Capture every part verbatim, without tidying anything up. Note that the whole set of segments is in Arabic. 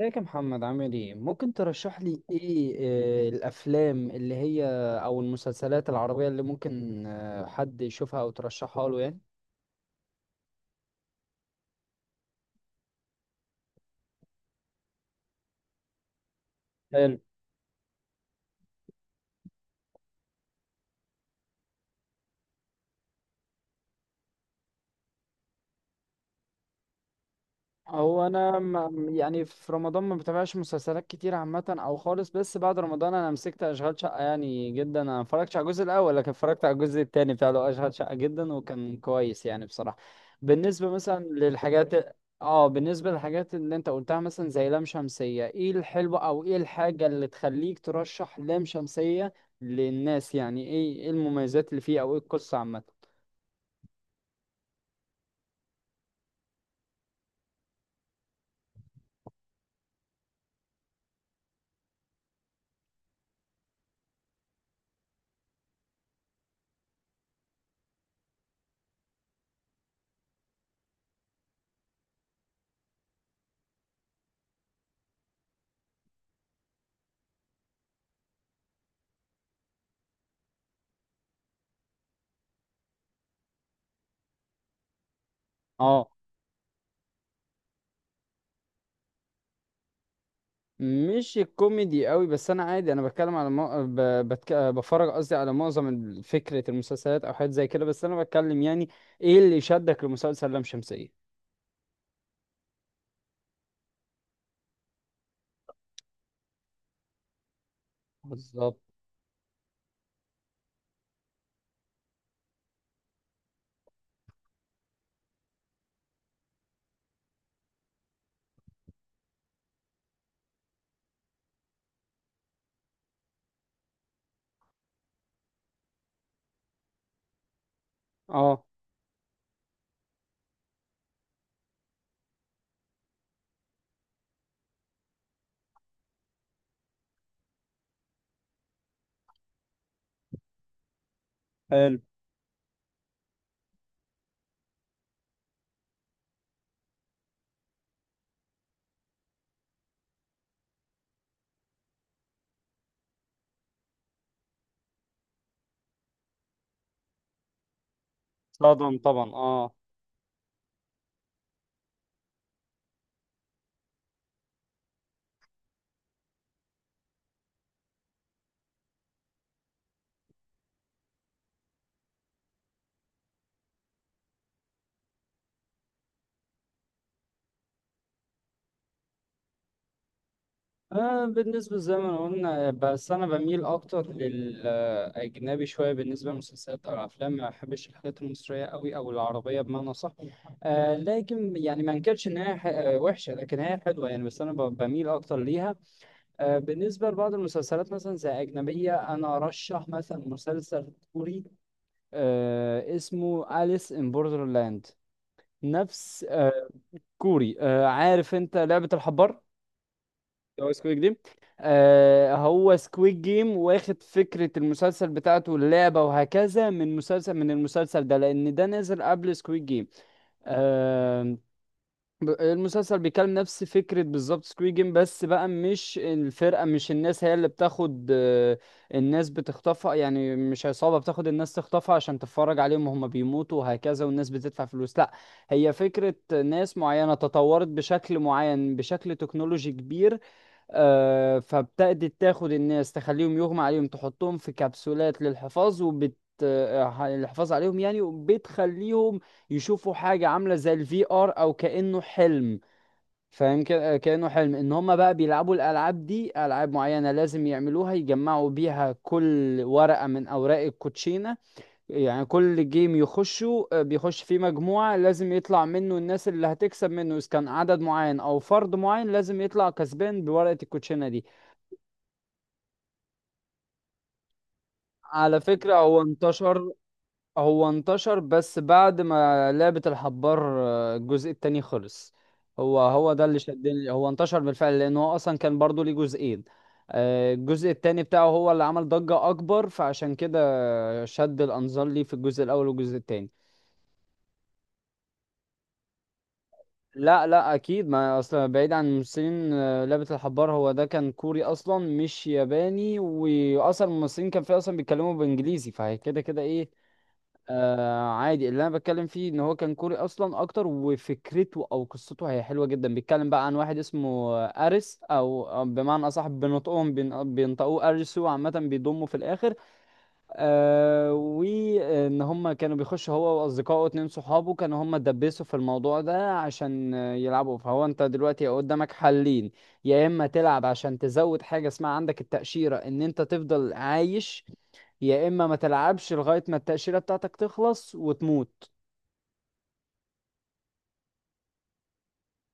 ازيك يا محمد؟ عامل ايه؟ ممكن ترشح لي ايه؟ آه، الافلام اللي هي او المسلسلات العربية اللي ممكن آه، حد يشوفها او ترشحها له؟ يعني هو انا ما يعني في رمضان ما بتابعش مسلسلات كتير عامه او خالص، بس بعد رمضان انا مسكت اشغال شقه يعني جدا. انا ما اتفرجتش على الجزء الاول لكن اتفرجت على الجزء الثاني بتاع له اشغال شقه جدا، وكان كويس يعني بصراحه. بالنسبه مثلا للحاجات اه بالنسبه للحاجات اللي انت قلتها، مثلا زي لام شمسيه، ايه الحلو او ايه الحاجه اللي تخليك ترشح لام شمسيه للناس؟ يعني ايه ايه المميزات اللي فيه، او ايه القصه عامه؟ آه. مش الكوميدي قوي، بس انا عادي، انا بتكلم على مو... ب... بتك... بفرج قصدي على معظم ال- فكرة المسلسلات او حاجات زي كده، بس انا بتكلم يعني ايه اللي شدك لمسلسل لام شمسية؟ بالظبط. اه، حلو. صدم طبعا، اه. آه، بالنسبة زي ما قلنا، بس أنا بميل أكتر للأجنبي شوية. بالنسبة للمسلسلات أو الأفلام ما بحبش الحاجات المصرية أوي أو العربية بمعنى صح. آه لكن يعني ما أنكرش إن هي ح- آه، وحشة، لكن هي حلوة يعني، بس أنا ب- بميل أكتر ليها. آه، بالنسبة لبعض المسلسلات مثلا زي أجنبية، أنا أرشح مثلا مسلسل كوري آه، اسمه أليس إن بوردرلاند. نفس آه، كوري. آه، عارف أنت لعبة الحبار؟ اللي هو سكويد جيم. آه، هو سكويد جيم واخد فكرة المسلسل بتاعته اللعبة وهكذا من مسلسل من المسلسل ده، لأن ده نزل قبل سكويد جيم. ب- المسلسل بيكلم نفس فكرة بالظبط سكوي جيم، بس بقى مش الفرقة، مش الناس هي اللي بتاخد. آه، الناس بتخطفها، يعني مش عصابة بتاخد الناس تخطفها عشان تتفرج عليهم وهم بيموتوا وهكذا والناس بتدفع فلوس، لا. هي فكرة ناس معينة تطورت بشكل معين، بشكل تكنولوجي كبير. آه، فابتدت تاخد الناس تخليهم يغمى عليهم، تحطهم في كبسولات للحفاظ، وبت آه، الحفاظ عليهم يعني، وبتخليهم يشوفوا حاجة عاملة زي الفي ار، او كأنه حلم. فاهم كده، كأنه حلم ان هم بقى بيلعبوا الالعاب دي. العاب معينة لازم يعملوها، يجمعوا بيها كل ورقة من اوراق الكوتشينة. يعني كل جيم يخشوا آه، بيخش فيه مجموعة لازم يطلع منه الناس اللي هتكسب منه، اذا كان عدد معين او فرد معين لازم يطلع كسبان بورقة الكوتشينة دي. على فكرة هو انتشر، هو انتشر بس بعد ما لعبة الحبار آه، الجزء التاني خلص. هو هو ده اللي شدني. هو انتشر بالفعل لأنه هو أصلا كان برضو ليه جزئين. آه، الجزء التاني بتاعه هو اللي عمل ضجة أكبر، فعشان كده شد الأنظار ليه في الجزء الأول والجزء التاني. لا، لا، أكيد. ما أصلا بعيد عن الممثلين، آه، لعبة الحبار هو ده كان كوري أصلا مش ياباني، وأصلا الممثلين كان فيه أصلا بيتكلموا بإنجليزي، فهي كده كده إيه. آه عادي. اللي انا بتكلم فيه ان هو كان كوري اصلا اكتر، وفكرته او قصته هي حلوه جدا. بيتكلم بقى عن واحد اسمه آه، ارس، او أو بمعنى اصح بنطقهم بين- بينطقوه ارسو، عامه بيضموا في الاخر. آه وان هم كانوا بيخشوا هو واصدقائه اتنين صحابه، كانوا هم دبسوا في الموضوع ده عشان آه، يلعبوا. فهو انت دلوقتي قدامك حلين: يا اما تلعب عشان تزود حاجه اسمها عندك التأشيرة ان انت تفضل عايش، يا اما ما تلعبش لغايه ما التاشيره بتاعتك تخلص وتموت.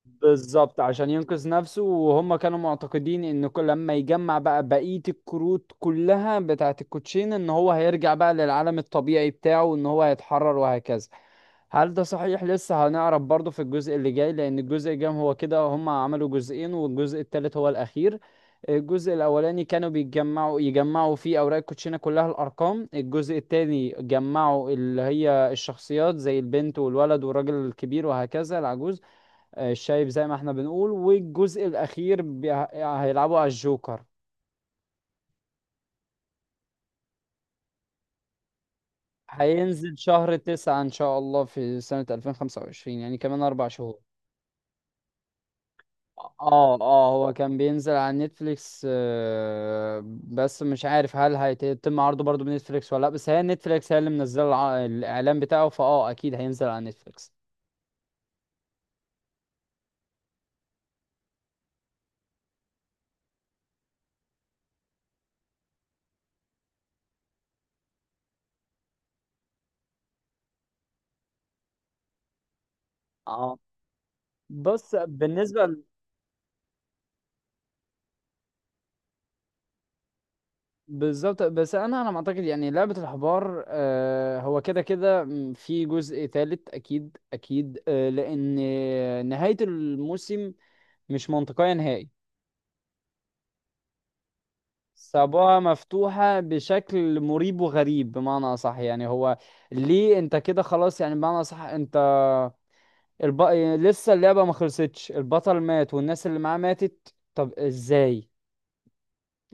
بالظبط عشان ينقذ نفسه. وهم كانوا معتقدين ان كل لما يجمع بقى بقيه الكروت كلها بتاعه الكوتشين ان هو هيرجع بقى للعالم الطبيعي بتاعه، ان هو هيتحرر وهكذا. هل ده صحيح؟ لسه هنعرف برضه في الجزء اللي جاي، لان الجزء الجاي هو كده، هم عملوا جزئين والجزء التالت هو الاخير. الجزء الاولاني كانوا بيجمعوا يجمعوا فيه اوراق الكوتشينه كلها، الارقام. الجزء التاني جمعوا اللي هي الشخصيات زي البنت والولد والراجل الكبير وهكذا العجوز، آه، الشايب زي ما احنا بنقول. والجزء الاخير بي- هيلعبوا على الجوكر. هينزل شهر تسعة ان شاء الله في سنة ألفين وخمسة وعشرين، يعني كمان اربع شهور. اه، اه، هو كان بينزل على نتفليكس، آه، بس مش عارف هل هيتم عرضه برضه بنتفليكس ولا لا، بس هي نتفليكس هي اللي منزله الع- الاعلان بتاعه، فاه اكيد هينزل على نتفليكس. اه، بص، بالنسبة ل- بالظبط. بس انا انا معتقد يعني لعبة الحبار آه، هو كده كده م- في جزء ثالث، اكيد اكيد. آه، لان نهاية الموسم مش منطقية نهائي. سابوها مفتوحة بشكل مريب وغريب، بمعنى أصح يعني. هو ليه أنت كده خلاص؟ يعني بمعنى أصح أنت الب... لسه اللعبة ما خلصتش، البطل مات والناس اللي معاه ماتت، طب إزاي؟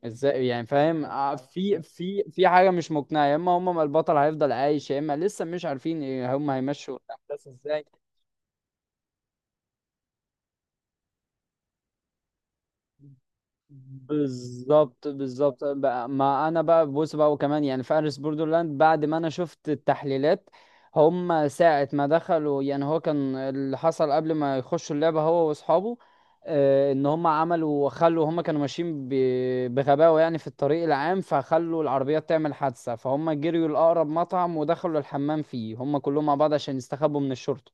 إزاي يعني؟ فاهم؟ ع- في في في حاجة مش مقنعة. يا إما هما ما البطل هيفضل عايش، يا إما لسه مش عارفين إيه، هما هيمشوا الأحداث إزاي. بالظبط، بالظبط، بقى- ما انا بقى بص بقى، وكمان يعني فارس بوردرلاند بعد ما انا شفت التحليلات. هم ساعة ما دخلوا يعني، هو كان اللي حصل قبل ما يخشوا اللعبة هو واصحابه، آه، ان هم عملوا خلوا، هم كانوا ماشيين ب- بغباوة يعني في الطريق العام، فخلوا العربيات تعمل حادثة، فهم جريوا لأقرب مطعم ودخلوا الحمام فيه هم كلهم مع بعض عشان يستخبوا من الشرطة.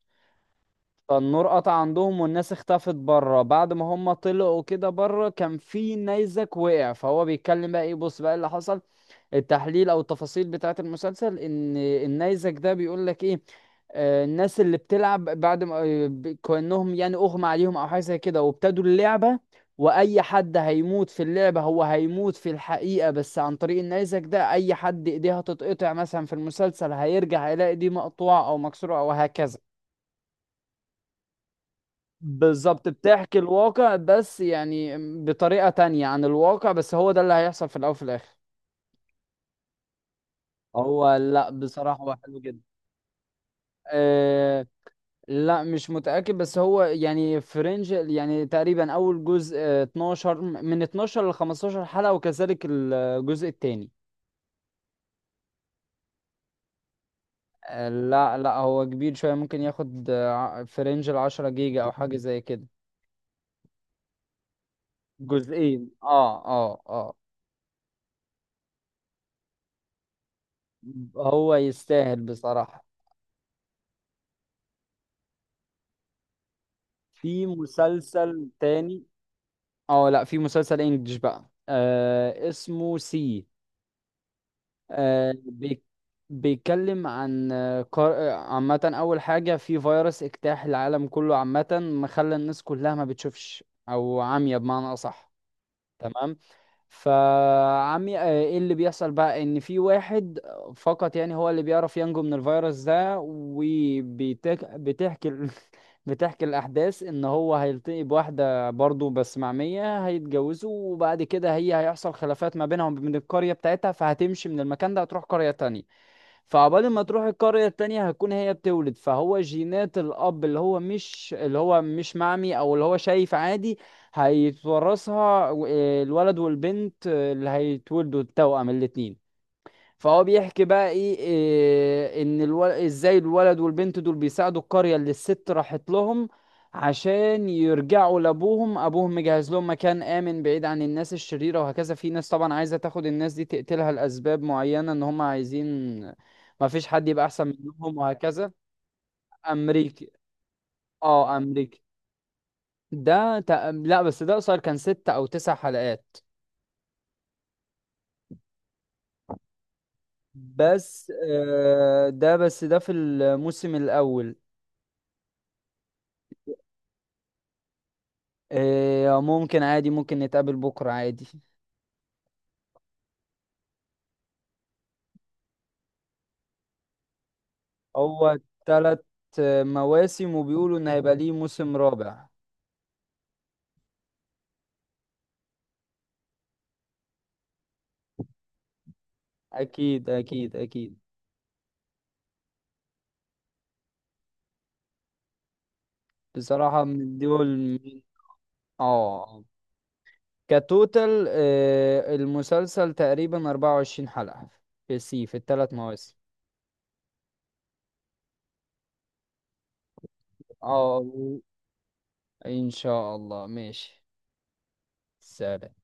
فالنور قطع عندهم، والناس اختفت بره. بعد ما هم طلعوا كده بره كان في نيزك وقع. فهو بيتكلم بقى، ايه؟ بص بقى اللي حصل. التحليل او التفاصيل بتاعه المسلسل، ان النيزك ده بيقول لك ايه: آه، الناس اللي بتلعب بعد ما آه، ب- كأنهم يعني أغمى عليهم أو حاجة زي كده وابتدوا اللعبة، وأي حد هيموت في اللعبة هو هيموت في الحقيقة، بس عن طريق النيزك ده أي حد إيديه هتتقطع مثلا في المسلسل، هيرجع هيلاقي دي مقطوعة أو مكسورة أو هكذا. بالظبط، بتحكي الواقع، بس يعني بطريقة تانية عن الواقع، بس هو ده اللي هيحصل في الأول وفي الآخر. هو لا، بصراحة هو حلو جدا. أه. لا، مش متأكد، بس هو يعني فرنج يعني تقريبا أول جزء آه، اتناشر من اتناشر ل خمسة عشر حلقة، وكذلك الجزء التاني. آه، لا، لا، هو كبير شوية، ممكن ياخد فرنج ال عشرة جيجا أو حاجة زي كده. جزئين، اه، اه، اه. هو يستاهل بصراحة. في مسلسل تاني. اه، لا، في مسلسل انجلش بقى آه اسمه سي. آه بي- بيتكلم عن آه، قار- آه، عامة أول حاجة في فيروس اجتاح العالم كله، عامة مخلى الناس كلها ما بتشوفش أو عمية بمعنى أصح. تمام. فعمي، آه، ايه اللي بيحصل بقى؟ ان في واحد فقط يعني هو اللي بيعرف ينجو من الفيروس ده، وبتحكي بتحكي الاحداث ان هو هيلتقي بواحده برضه بس معميه، هيتجوزوا وبعد كده هي هيحصل خلافات ما بينهم وبين القريه بتاعتها، فهتمشي من المكان ده هتروح قريه تانية. فعقبال ما تروح القرية التانية هتكون هي بتولد، فهو جينات الأب اللي هو مش اللي هو مش معمي أو اللي هو شايف عادي هيتورثها و- الولد والبنت آه، اللي هيتولدوا التوأم الاتنين. فهو بيحكي بقى ايه, إيه ان الول... ازاي الولد والبنت دول بيساعدوا القرية اللي الست راحت لهم عشان يرجعوا لابوهم. ابوهم مجهز لهم مكان امن بعيد عن الناس الشريرة وهكذا، في ناس طبعا عايزة تاخد الناس دي تقتلها لاسباب معينة، ان هم عايزين ما فيش حد يبقى احسن منهم وهكذا. امريكي. اه، امريكي. ده تق... لا، بس ده قصير، كان ست او تسع حلقات. بس آه، ده، بس ده في الموسم الاول. إيه ممكن عادي، ممكن نتقابل بكرة عادي. هو تلات مواسم وبيقولوا إن هيبقى ليه موسم رابع. أكيد أكيد أكيل. بصراحة من دول. اه، كتوتال آه، المسلسل تقريبا اربعة وعشرين حلقة في سي، في الثلاث مواسم. اه، إن شاء الله ماشي. سلام.